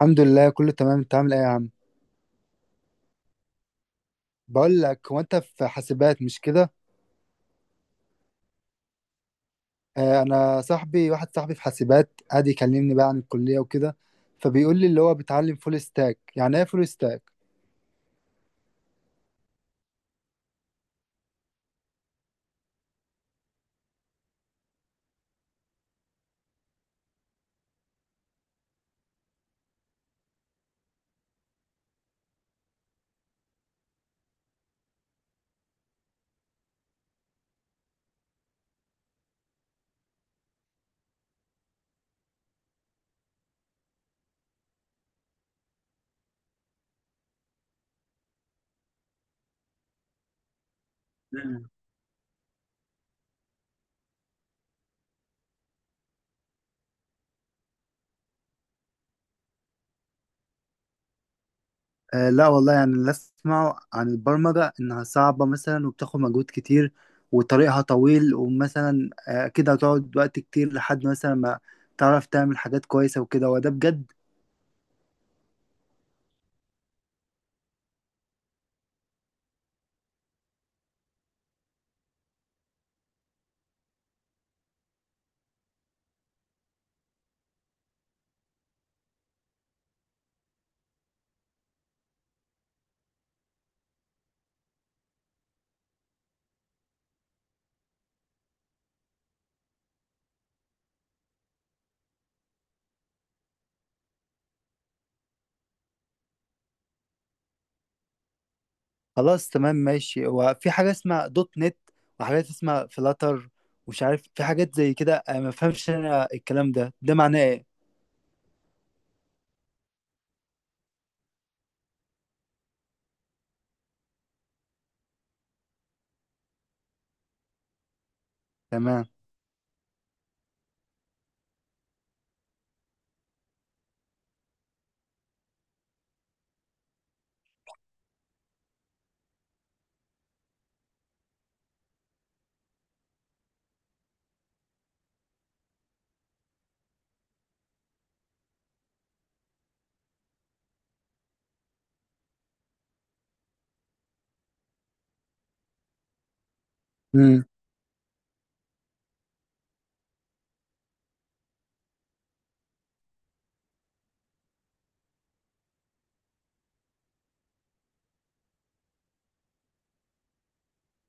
الحمد لله كله تمام، انت عامل ايه يا عم؟ بقول لك، هو انت في حاسبات مش كده؟ آه، انا صاحبي واحد صاحبي في حاسبات قاعد يكلمني بقى عن الكلية وكده، فبيقول لي اللي هو بيتعلم فول ستاك. يعني ايه فول ستاك؟ مم. آه، لا والله، يعني اللي اسمعه عن البرمجة انها صعبة مثلا وبتاخد مجهود كتير وطريقها طويل، ومثلا كده هتقعد وقت كتير لحد مثلا ما تعرف تعمل حاجات كويسة وكده، وده بجد. خلاص، تمام ماشي. هو في حاجة اسمها دوت نت وحاجات اسمها فلاتر ومش عارف في حاجات زي كده. أنا ما فهمش انا الكلام ده معناه ايه؟ تمام. امم.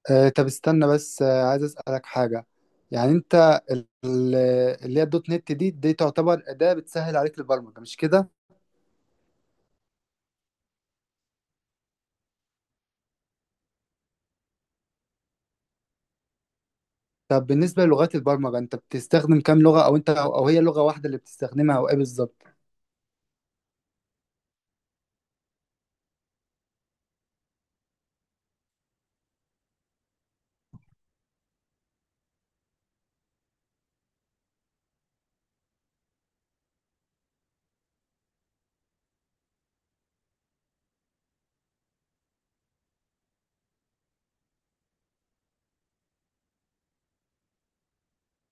آه، طب استنى بس، عايز اسألك حاجة. يعني انت، ال- اللي هي الدوت نت دي تعتبر أداة بتسهل عليك البرمجة مش كده؟ طب، بالنسبة للغات البرمجة، انت بتستخدم كام لغة، او انت، او هي لغة واحدة اللي بتستخدمها، او ايه بالظبط؟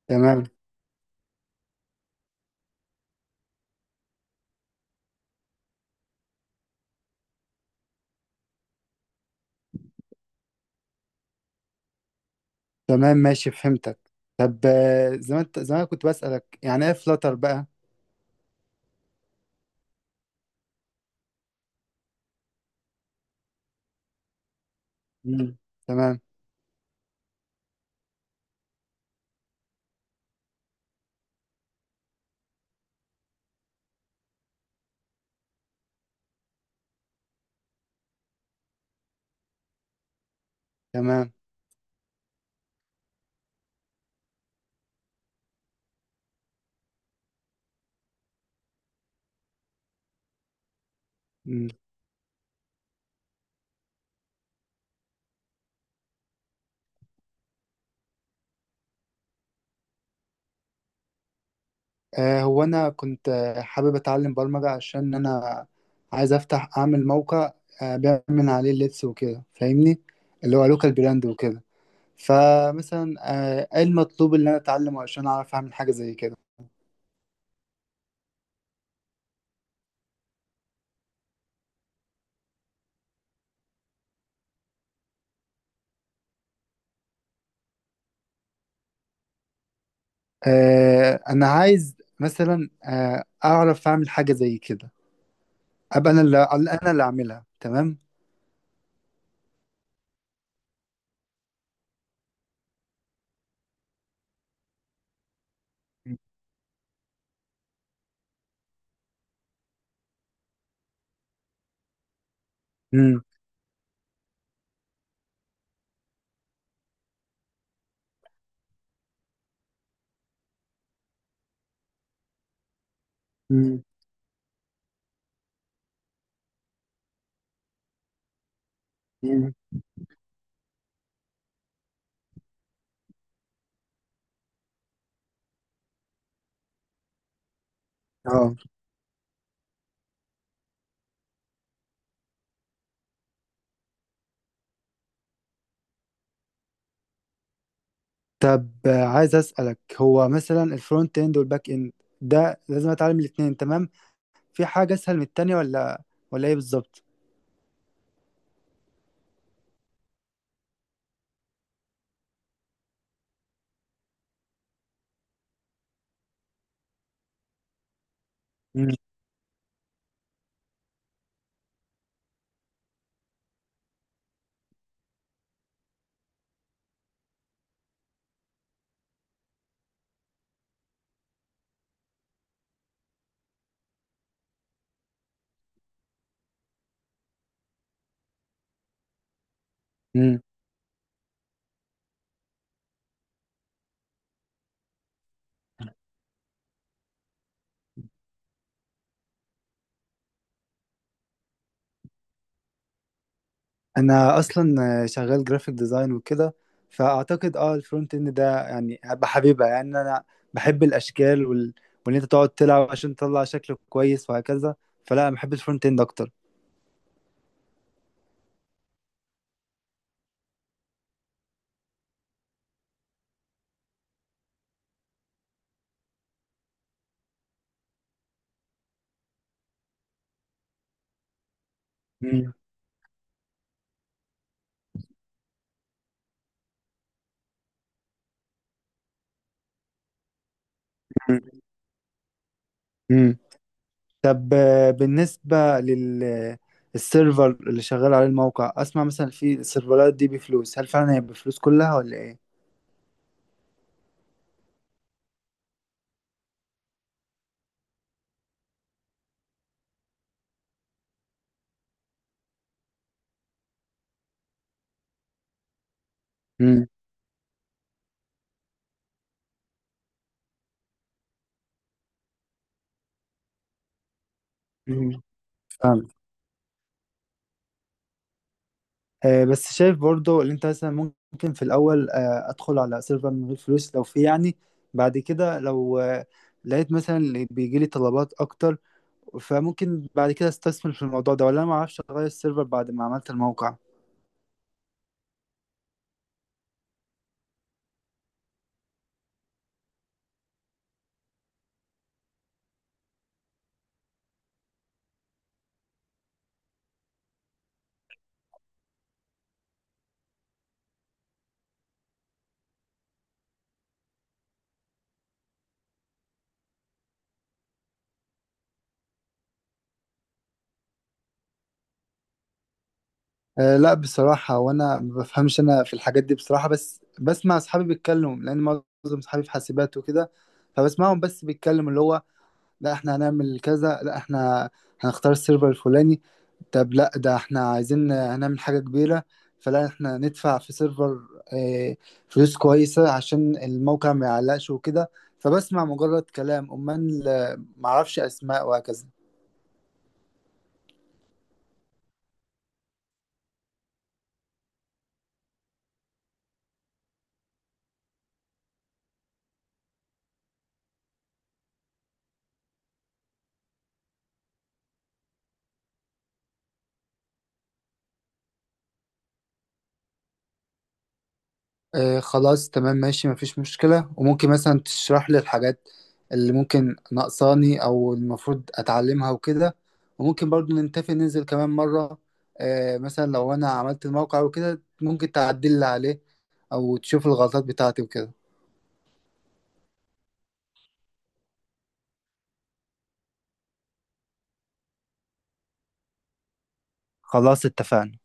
تمام. تمام ماشي، فهمتك. طب زي ما أنا كنت بسألك، يعني ايه فلاتر بقى؟ مم. تمام. تمام. مم. آه، هو انا كنت حابب اتعلم برمجة عشان انا عايز اعمل موقع. بيعمل من عليه اللبس وكده، فاهمني؟ اللي هو لوكال براند وكده. فمثلا، ايه المطلوب اللي انا اتعلمه عشان اعرف اعمل حاجة زي كده؟ انا عايز مثلا اعرف اعمل حاجة زي كده، ابقى انا اللي اعملها، تمام؟ مم. مم. مم. اه. طب، عايز اسالك، هو مثلا الفرونت اند والباك اند ده لازم اتعلم الاثنين؟ تمام. في حاجه اسهل من التانية، ولا ايه بالظبط؟ مم. مم. انا اصلا شغال جرافيك ديزاين وكده، فاعتقد الفرونت اند ده يعني بحبيبها. يعني انا بحب الاشكال وان انت تقعد تلعب عشان تطلع شكل كويس وهكذا، فلا انا بحب الفرونت اند اكتر. مم. مم. طب، بالنسبة للسيرفر اللي شغال عليه الموقع، أسمع مثلا في السيرفرات دي بفلوس. هل فعلا هي بفلوس كلها ولا إيه؟ مم. مم. فاهم. بس شايف برضو اللي أنت مثلا ممكن في الأول أدخل على سيرفر من غير فلوس لو في، يعني بعد كده لو لقيت مثلا اللي بيجي لي طلبات أكتر، فممكن بعد كده استثمر في الموضوع ده، ولا أنا معرفش أغير السيرفر بعد ما عملت الموقع؟ أه، لا بصراحة، وأنا ما بفهمش أنا في الحاجات دي بصراحة، بس بسمع أصحابي بيتكلموا لأن معظم أصحابي في حاسبات وكده، فبسمعهم بس بيتكلموا اللي هو: لا إحنا هنعمل كذا، لا إحنا هنختار السيرفر الفلاني، طب لا ده إحنا عايزين هنعمل حاجة كبيرة، فلا إحنا ندفع في سيرفر آه، فلوس كويسة عشان الموقع ما يعلقش وكده. فبسمع مجرد كلام أمال، معرفش أسماء وهكذا. آه، خلاص تمام ماشي، مفيش مشكلة. وممكن مثلا تشرح لي الحاجات اللي ممكن ناقصاني أو المفروض أتعلمها وكده، وممكن برضو نتفق ننزل كمان مرة. مثلا لو أنا عملت الموقع وكده ممكن تعدل لي عليه أو تشوف الغلطات بتاعتي وكده. خلاص اتفقنا.